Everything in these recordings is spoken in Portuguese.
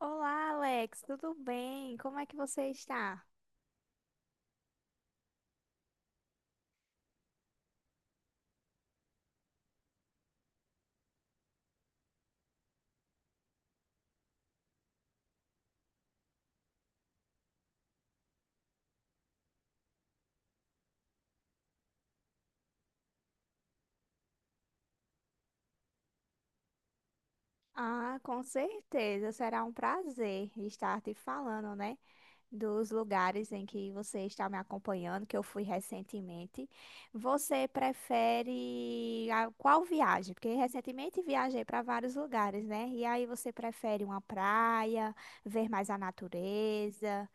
Olá, Alex, tudo bem? Como é que você está? Ah, com certeza, será um prazer estar te falando, né, dos lugares em que você está me acompanhando, que eu fui recentemente. Você prefere qual viagem? Porque recentemente viajei para vários lugares, né? E aí você prefere uma praia, ver mais a natureza,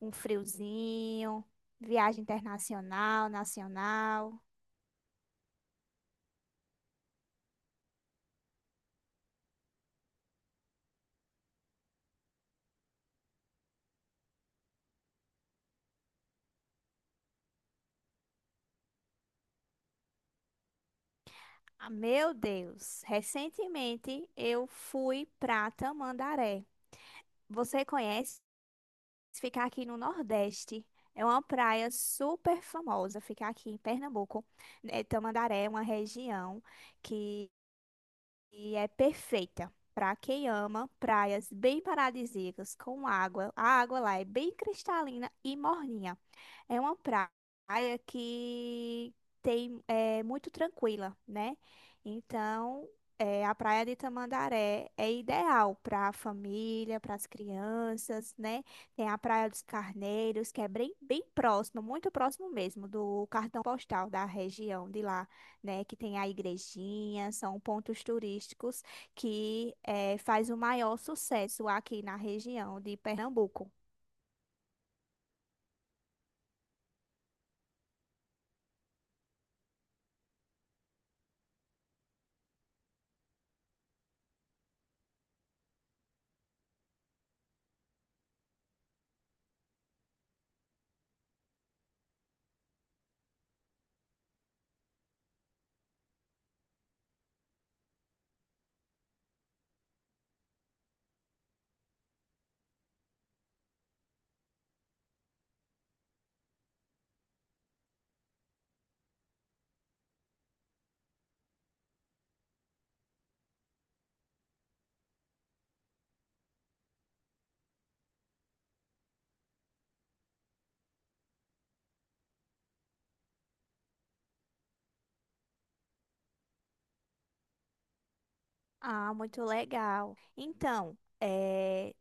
um friozinho, viagem internacional, nacional? Ah, meu Deus, recentemente eu fui pra Tamandaré. Você conhece? Ficar aqui no Nordeste. É uma praia super famosa, ficar aqui em Pernambuco. É, Tamandaré é uma região que e é perfeita para quem ama praias bem paradisíacas com água. A água lá é bem cristalina e morninha. É uma praia que tem é muito tranquila, né? Então, é, a praia de Tamandaré é ideal para a família, para as crianças, né? Tem a Praia dos Carneiros, que é bem, bem próximo, muito próximo mesmo do cartão postal da região de lá, né, que tem a igrejinha, são pontos turísticos que faz o maior sucesso aqui na região de Pernambuco. Ah, muito legal. Então,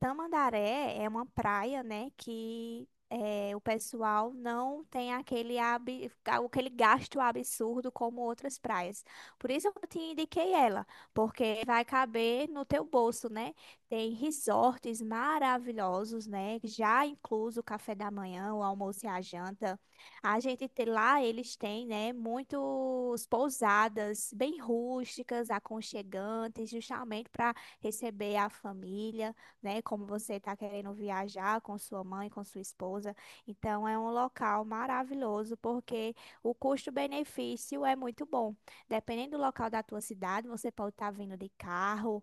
Tamandaré é uma praia, né, que o pessoal não tem aquele, aquele gasto absurdo como outras praias. Por isso eu te indiquei ela, porque vai caber no teu bolso, né? Tem resorts maravilhosos, né? Já incluso o café da manhã, o almoço e a janta. A gente tem lá, eles têm, né, muitos pousadas bem rústicas, aconchegantes, justamente para receber a família, né? Como você está querendo viajar com sua mãe, com sua esposa. Então, é um local maravilhoso porque o custo-benefício é muito bom. Dependendo do local da tua cidade, você pode estar vindo de carro,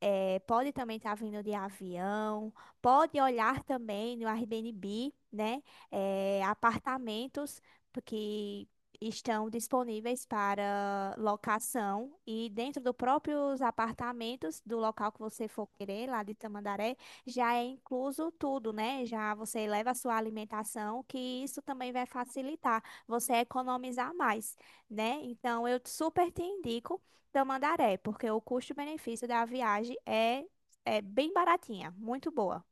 pode também estar vindo de avião, pode olhar também no Airbnb, né? Apartamentos que estão disponíveis para locação e dentro dos próprios apartamentos do local que você for querer, lá de Tamandaré, já é incluso tudo, né? Já você leva a sua alimentação, que isso também vai facilitar você economizar mais, né? Então, eu super te indico. Tamandaré, porque o custo-benefício da viagem é, é bem baratinha, muito boa.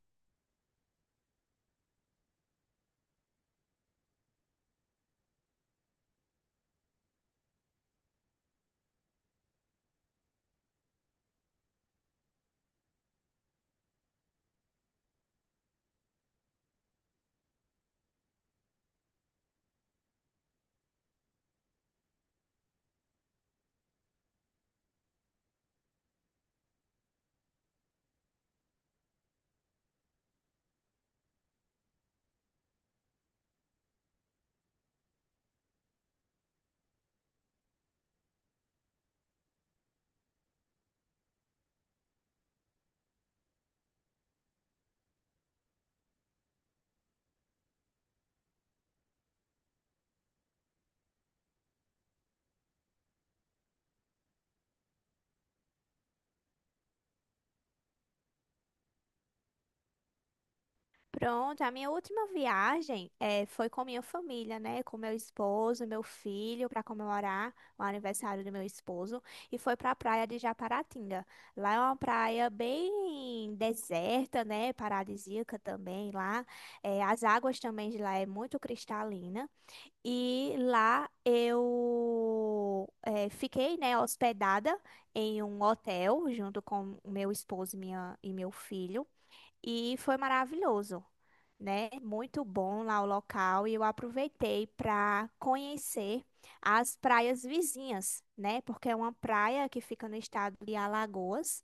Pronto, a minha última viagem foi com minha família, né? Com meu esposo, meu filho, para comemorar o aniversário do meu esposo. E foi para a praia de Japaratinga. Lá é uma praia bem deserta, né? Paradisíaca também lá. As águas também de lá é muito cristalina. E lá eu fiquei, né, hospedada em um hotel junto com o meu esposo e minha, e meu filho e foi maravilhoso, né? Muito bom lá o local e eu aproveitei para conhecer as praias vizinhas, né? Porque é uma praia que fica no estado de Alagoas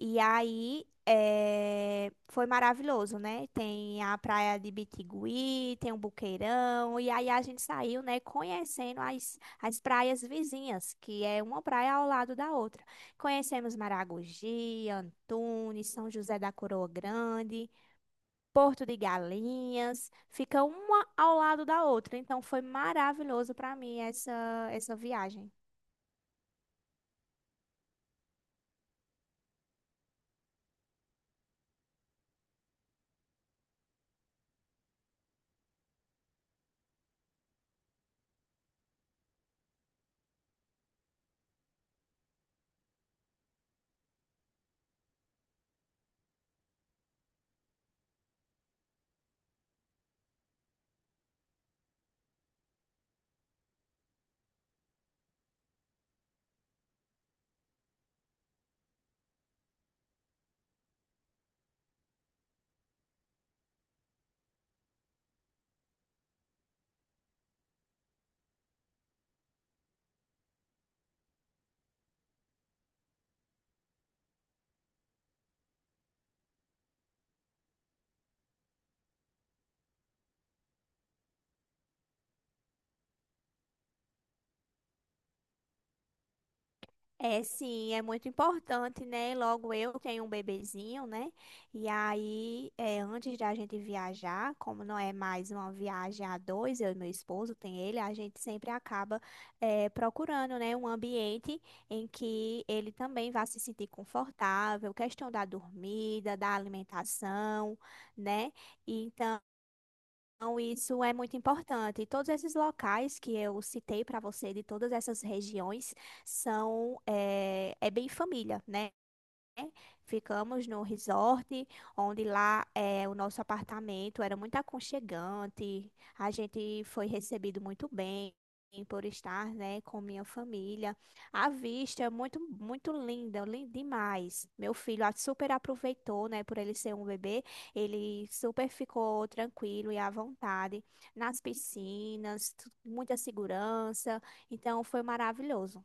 e aí foi maravilhoso, né? Tem a praia de Bitigui, tem o Buqueirão e aí a gente saiu, né? Conhecendo as praias vizinhas, que é uma praia ao lado da outra. Conhecemos Maragogi, Antunes, São José da Coroa Grande, Porto de Galinhas. Fica uma ao lado da outra. Então foi maravilhoso para mim essa, essa viagem. É, sim, é muito importante, né? Logo eu tenho um bebezinho, né? E aí, é, antes de a gente viajar, como não é mais uma viagem a dois, eu e meu esposo, tem ele, a gente sempre acaba, é, procurando, né, um ambiente em que ele também vá se sentir confortável, questão da dormida, da alimentação, né? E então, isso é muito importante. Todos esses locais que eu citei para você, de todas essas regiões, são é, é bem família, né? Né? Ficamos no resort, onde lá é, o nosso apartamento era muito aconchegante. A gente foi recebido muito bem por estar, né, com minha família. A vista é muito, muito linda, linda demais. Meu filho super aproveitou, né, por ele ser um bebê. Ele super ficou tranquilo e à vontade nas piscinas, muita segurança. Então foi maravilhoso.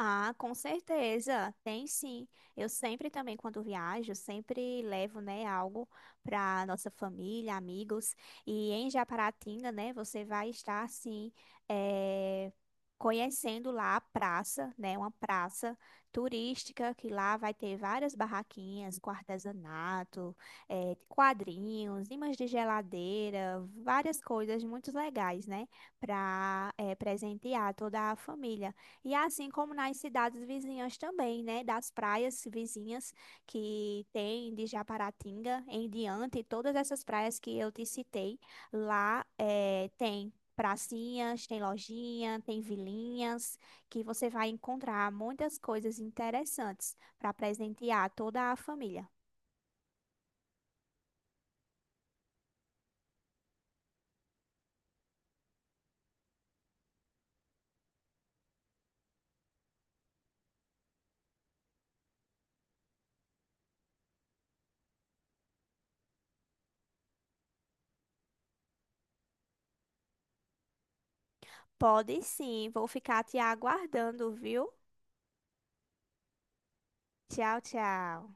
Ah, com certeza, tem sim. Eu sempre também, quando viajo, sempre levo, né, algo para nossa família, amigos. E em Japaratinga, né, você vai estar, assim, eh, conhecendo lá a praça, né, uma praça turística, que lá vai ter várias barraquinhas com artesanato, quadrinhos, imãs de geladeira, várias coisas muito legais, né, para presentear toda a família. E assim como nas cidades vizinhas também, né? Das praias vizinhas que tem de Japaratinga em diante, todas essas praias que eu te citei, lá tem pracinhas, tem lojinha, tem vilinhas, que você vai encontrar muitas coisas interessantes para presentear toda a família. Pode sim, vou ficar te aguardando, viu? Tchau, tchau.